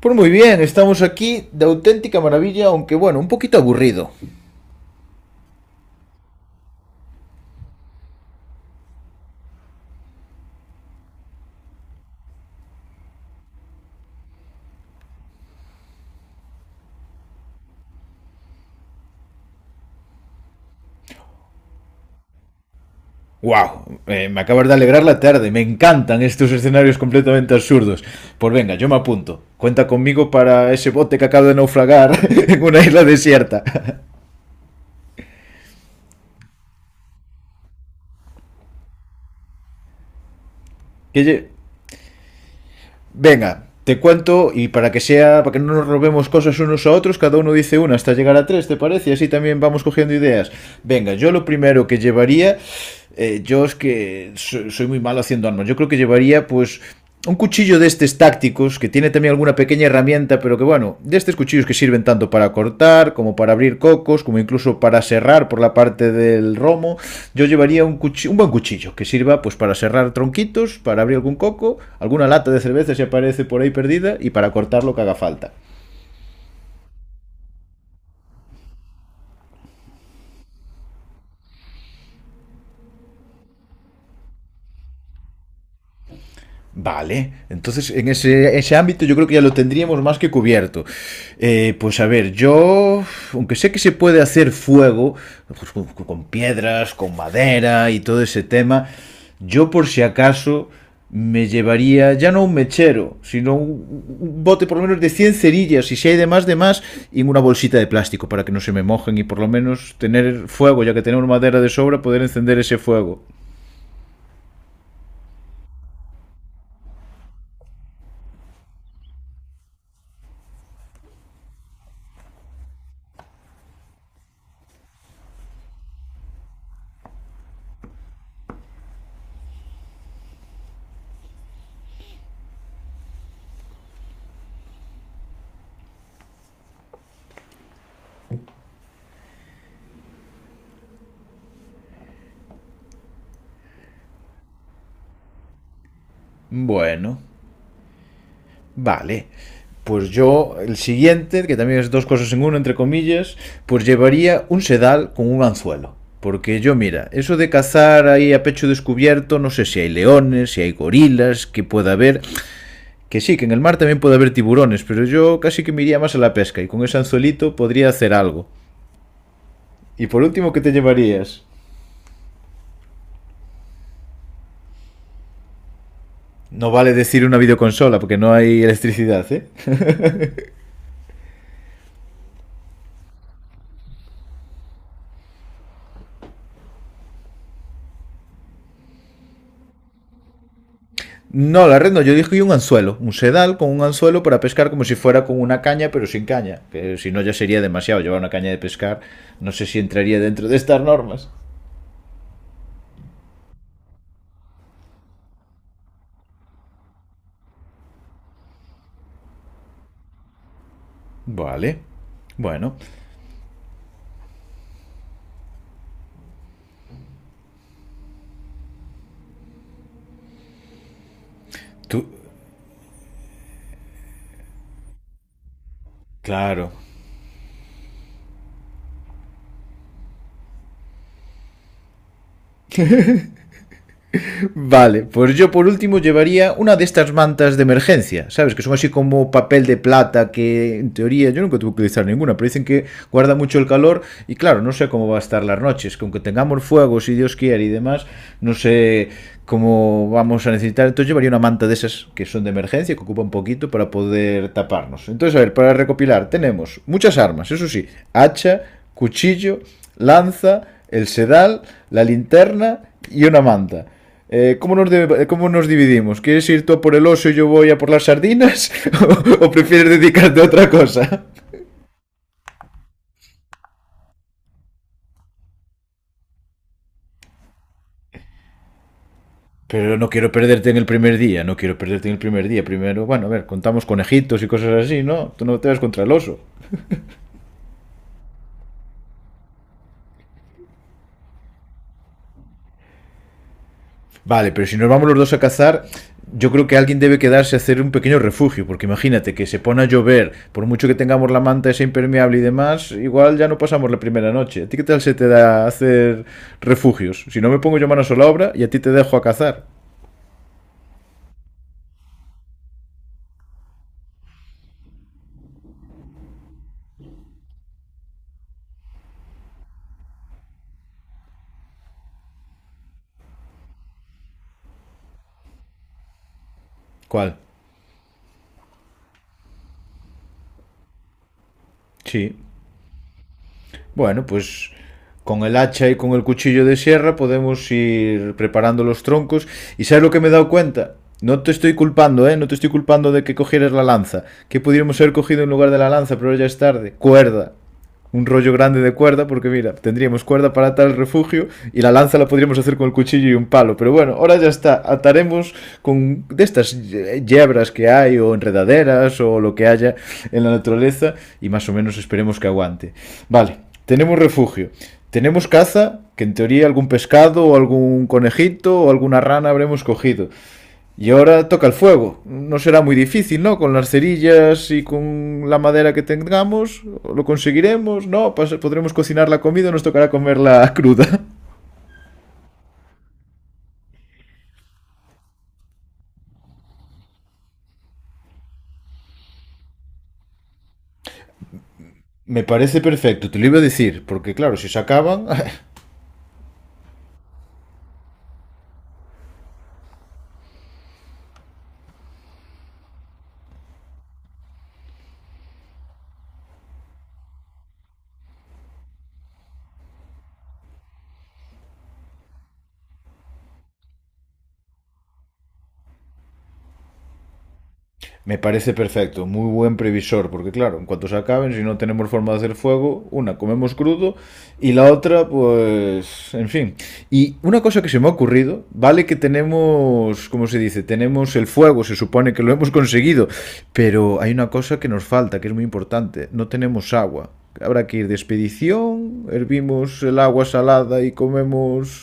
Pues muy bien, estamos aquí de auténtica maravilla, aunque bueno, un poquito aburrido. ¡Wow! Me acabas de alegrar la tarde, me encantan estos escenarios completamente absurdos. Pues venga, yo me apunto. Cuenta conmigo para ese bote que acabo de naufragar en una isla desierta. Que Venga, te cuento y para que sea, para que no nos robemos cosas unos a otros, cada uno dice una hasta llegar a tres, ¿te parece? Y así también vamos cogiendo ideas. Venga, yo lo primero que llevaría, yo es que soy muy malo haciendo armas. Yo creo que llevaría pues un cuchillo de estos tácticos que tiene también alguna pequeña herramienta, pero que bueno, de estos cuchillos que sirven tanto para cortar, como para abrir cocos, como incluso para serrar por la parte del romo. Yo llevaría un, cuchillo, un buen cuchillo que sirva pues para serrar tronquitos, para abrir algún coco, alguna lata de cerveza si aparece por ahí perdida y para cortar lo que haga falta. Vale, entonces en ese, ese ámbito yo creo que ya lo tendríamos más que cubierto. Pues a ver, yo, aunque sé que se puede hacer fuego pues, con piedras, con madera y todo ese tema, yo por si acaso me llevaría ya no un mechero, sino un bote por lo menos de 100 cerillas y si hay demás, demás, y una bolsita de plástico para que no se me mojen y por lo menos tener fuego, ya que tenemos madera de sobra, poder encender ese fuego. Bueno. Vale. Pues yo, el siguiente, que también es dos cosas en uno, entre comillas, pues llevaría un sedal con un anzuelo. Porque yo, mira, eso de cazar ahí a pecho descubierto, no sé si hay leones, si hay gorilas, que pueda haber. Que sí, que en el mar también puede haber tiburones, pero yo casi que me iría más a la pesca y con ese anzuelito podría hacer algo. Y por último, ¿qué te llevarías? No vale decir una videoconsola porque no hay electricidad, ¿eh? No, la red no, yo dije un anzuelo, un sedal con un anzuelo para pescar como si fuera con una caña, pero sin caña, que si no ya sería demasiado llevar una caña de pescar, no sé si entraría dentro de estas normas. Vale, bueno, tú, claro, vale, pues yo por último llevaría una de estas mantas de emergencia, ¿sabes? Que son así como papel de plata, que en teoría yo nunca tuve que utilizar ninguna, pero dicen que guarda mucho el calor y claro, no sé cómo va a estar las noches, que aunque tengamos fuego, si Dios quiere y demás, no sé cómo vamos a necesitar. Entonces llevaría una manta de esas que son de emergencia, que ocupa un poquito para poder taparnos. Entonces, a ver, para recopilar, tenemos muchas armas, eso sí, hacha, cuchillo, lanza, el sedal, la linterna y una manta. ¿Cómo, ¿cómo nos dividimos? ¿Quieres ir tú a por el oso y yo voy a por las sardinas? ¿O, o prefieres dedicarte a otra cosa? Pero no quiero perderte en el primer día, no quiero perderte en el primer día. Primero, bueno, a ver, contamos conejitos y cosas así, ¿no? Tú no te vas contra el oso. Vale, pero si nos vamos los dos a cazar, yo creo que alguien debe quedarse a hacer un pequeño refugio, porque imagínate que se pone a llover, por mucho que tengamos la manta esa impermeable y demás, igual ya no pasamos la primera noche. ¿A ti qué tal se te da hacer refugios? Si no me pongo yo manos a la obra y a ti te dejo a cazar. ¿Cuál? Sí. Bueno, pues con el hacha y con el cuchillo de sierra podemos ir preparando los troncos. ¿Y sabes lo que me he dado cuenta? No te estoy culpando, ¿eh? No te estoy culpando de que cogieras la lanza. Que pudiéramos haber cogido en lugar de la lanza, pero ya es tarde. Cuerda. Un rollo grande de cuerda, porque mira, tendríamos cuerda para atar el refugio y la lanza la podríamos hacer con el cuchillo y un palo. Pero bueno, ahora ya está, ataremos con de estas yebras que hay o enredaderas o lo que haya en la naturaleza y más o menos esperemos que aguante. Vale, tenemos refugio. Tenemos caza, que en teoría algún pescado o algún conejito o alguna rana habremos cogido. Y ahora toca el fuego. No será muy difícil, ¿no? Con las cerillas y con la madera que tengamos, lo conseguiremos, ¿no? Podremos cocinar la comida, nos tocará comerla cruda. Me parece perfecto, te lo iba a decir, porque claro, si se acaban, me parece perfecto, muy buen previsor, porque claro, en cuanto se acaben, si no tenemos forma de hacer fuego, una comemos crudo y la otra, pues, en fin. Y una cosa que se me ha ocurrido, vale que tenemos, ¿cómo se dice? Tenemos el fuego, se supone que lo hemos conseguido, pero hay una cosa que nos falta, que es muy importante, no tenemos agua. Habrá que ir de expedición, hervimos el agua salada y comemos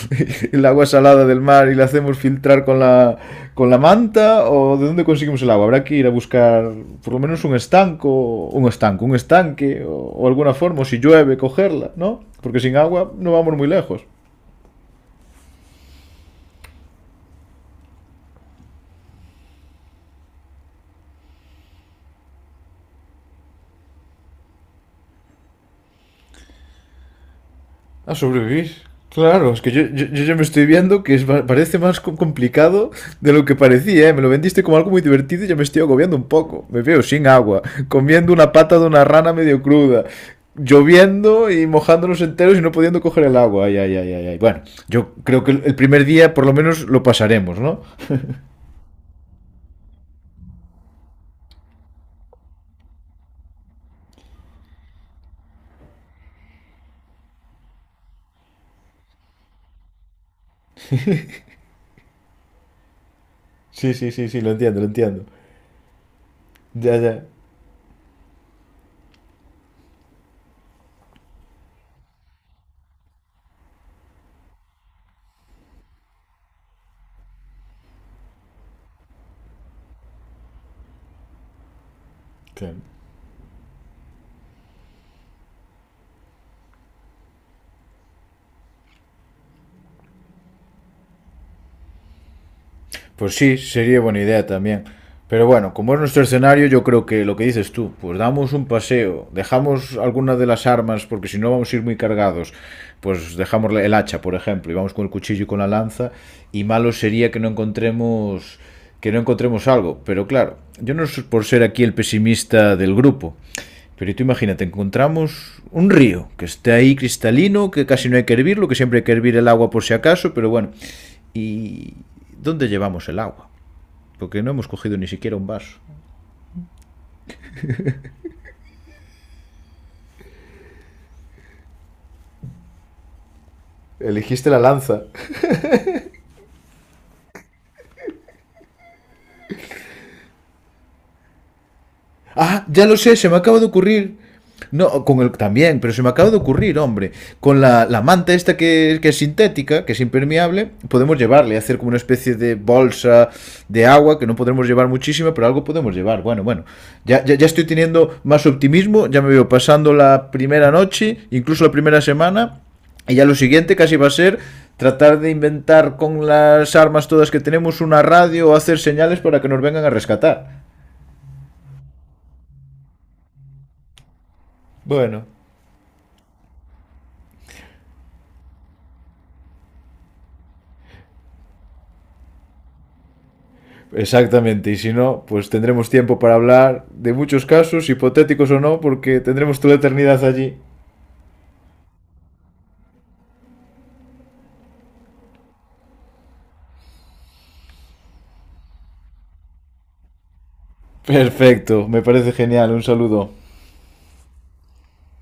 el agua salada del mar y la hacemos filtrar con la manta, o de dónde conseguimos el agua. Habrá que ir a buscar por lo menos un estanco, un estanco, un estanque, o alguna forma, o si llueve, cogerla, ¿no? Porque sin agua no vamos muy lejos. A sobrevivir. Claro, es que yo ya me estoy viendo que es parece más complicado de lo que parecía, ¿eh? Me lo vendiste como algo muy divertido y ya me estoy agobiando un poco. Me veo sin agua, comiendo una pata de una rana medio cruda, lloviendo y mojándonos enteros y no pudiendo coger el agua. Ay, ay, ay, ay, ay. Bueno, yo creo que el primer día por lo menos lo pasaremos, ¿no? Sí, sí, sí, sí, lo entiendo, lo entiendo. Ya, ya. Claro. Pues sí, sería buena idea también. Pero bueno, como es nuestro escenario, yo creo que lo que dices tú, pues damos un paseo, dejamos alguna de las armas, porque si no vamos a ir muy cargados, pues dejamos el hacha, por ejemplo, y vamos con el cuchillo y con la lanza, y malo sería que no encontremos algo. Pero claro, yo no soy por ser aquí el pesimista del grupo, pero tú imagínate, encontramos un río que esté ahí cristalino, que casi no hay que hervirlo, que siempre hay que hervir el agua por si acaso, pero bueno. ¿Y dónde llevamos el agua? Porque no hemos cogido ni siquiera un vaso. Elegiste la lanza. Ah, ya lo sé, se me acaba de ocurrir. No, con el también, pero se me acaba de ocurrir, hombre. Con la, la manta esta que es sintética, que es impermeable, podemos llevarle, hacer como una especie de bolsa de agua, que no podremos llevar muchísima, pero algo podemos llevar. Bueno, bueno, ya, ya, ya estoy teniendo más optimismo, ya me veo pasando la primera noche, incluso la primera semana, y ya lo siguiente casi va a ser tratar de inventar con las armas todas que tenemos una radio o hacer señales para que nos vengan a rescatar. Bueno, exactamente, y si no, pues tendremos tiempo para hablar de muchos casos, hipotéticos o no, porque tendremos toda la eternidad allí. Perfecto, me parece genial, un saludo.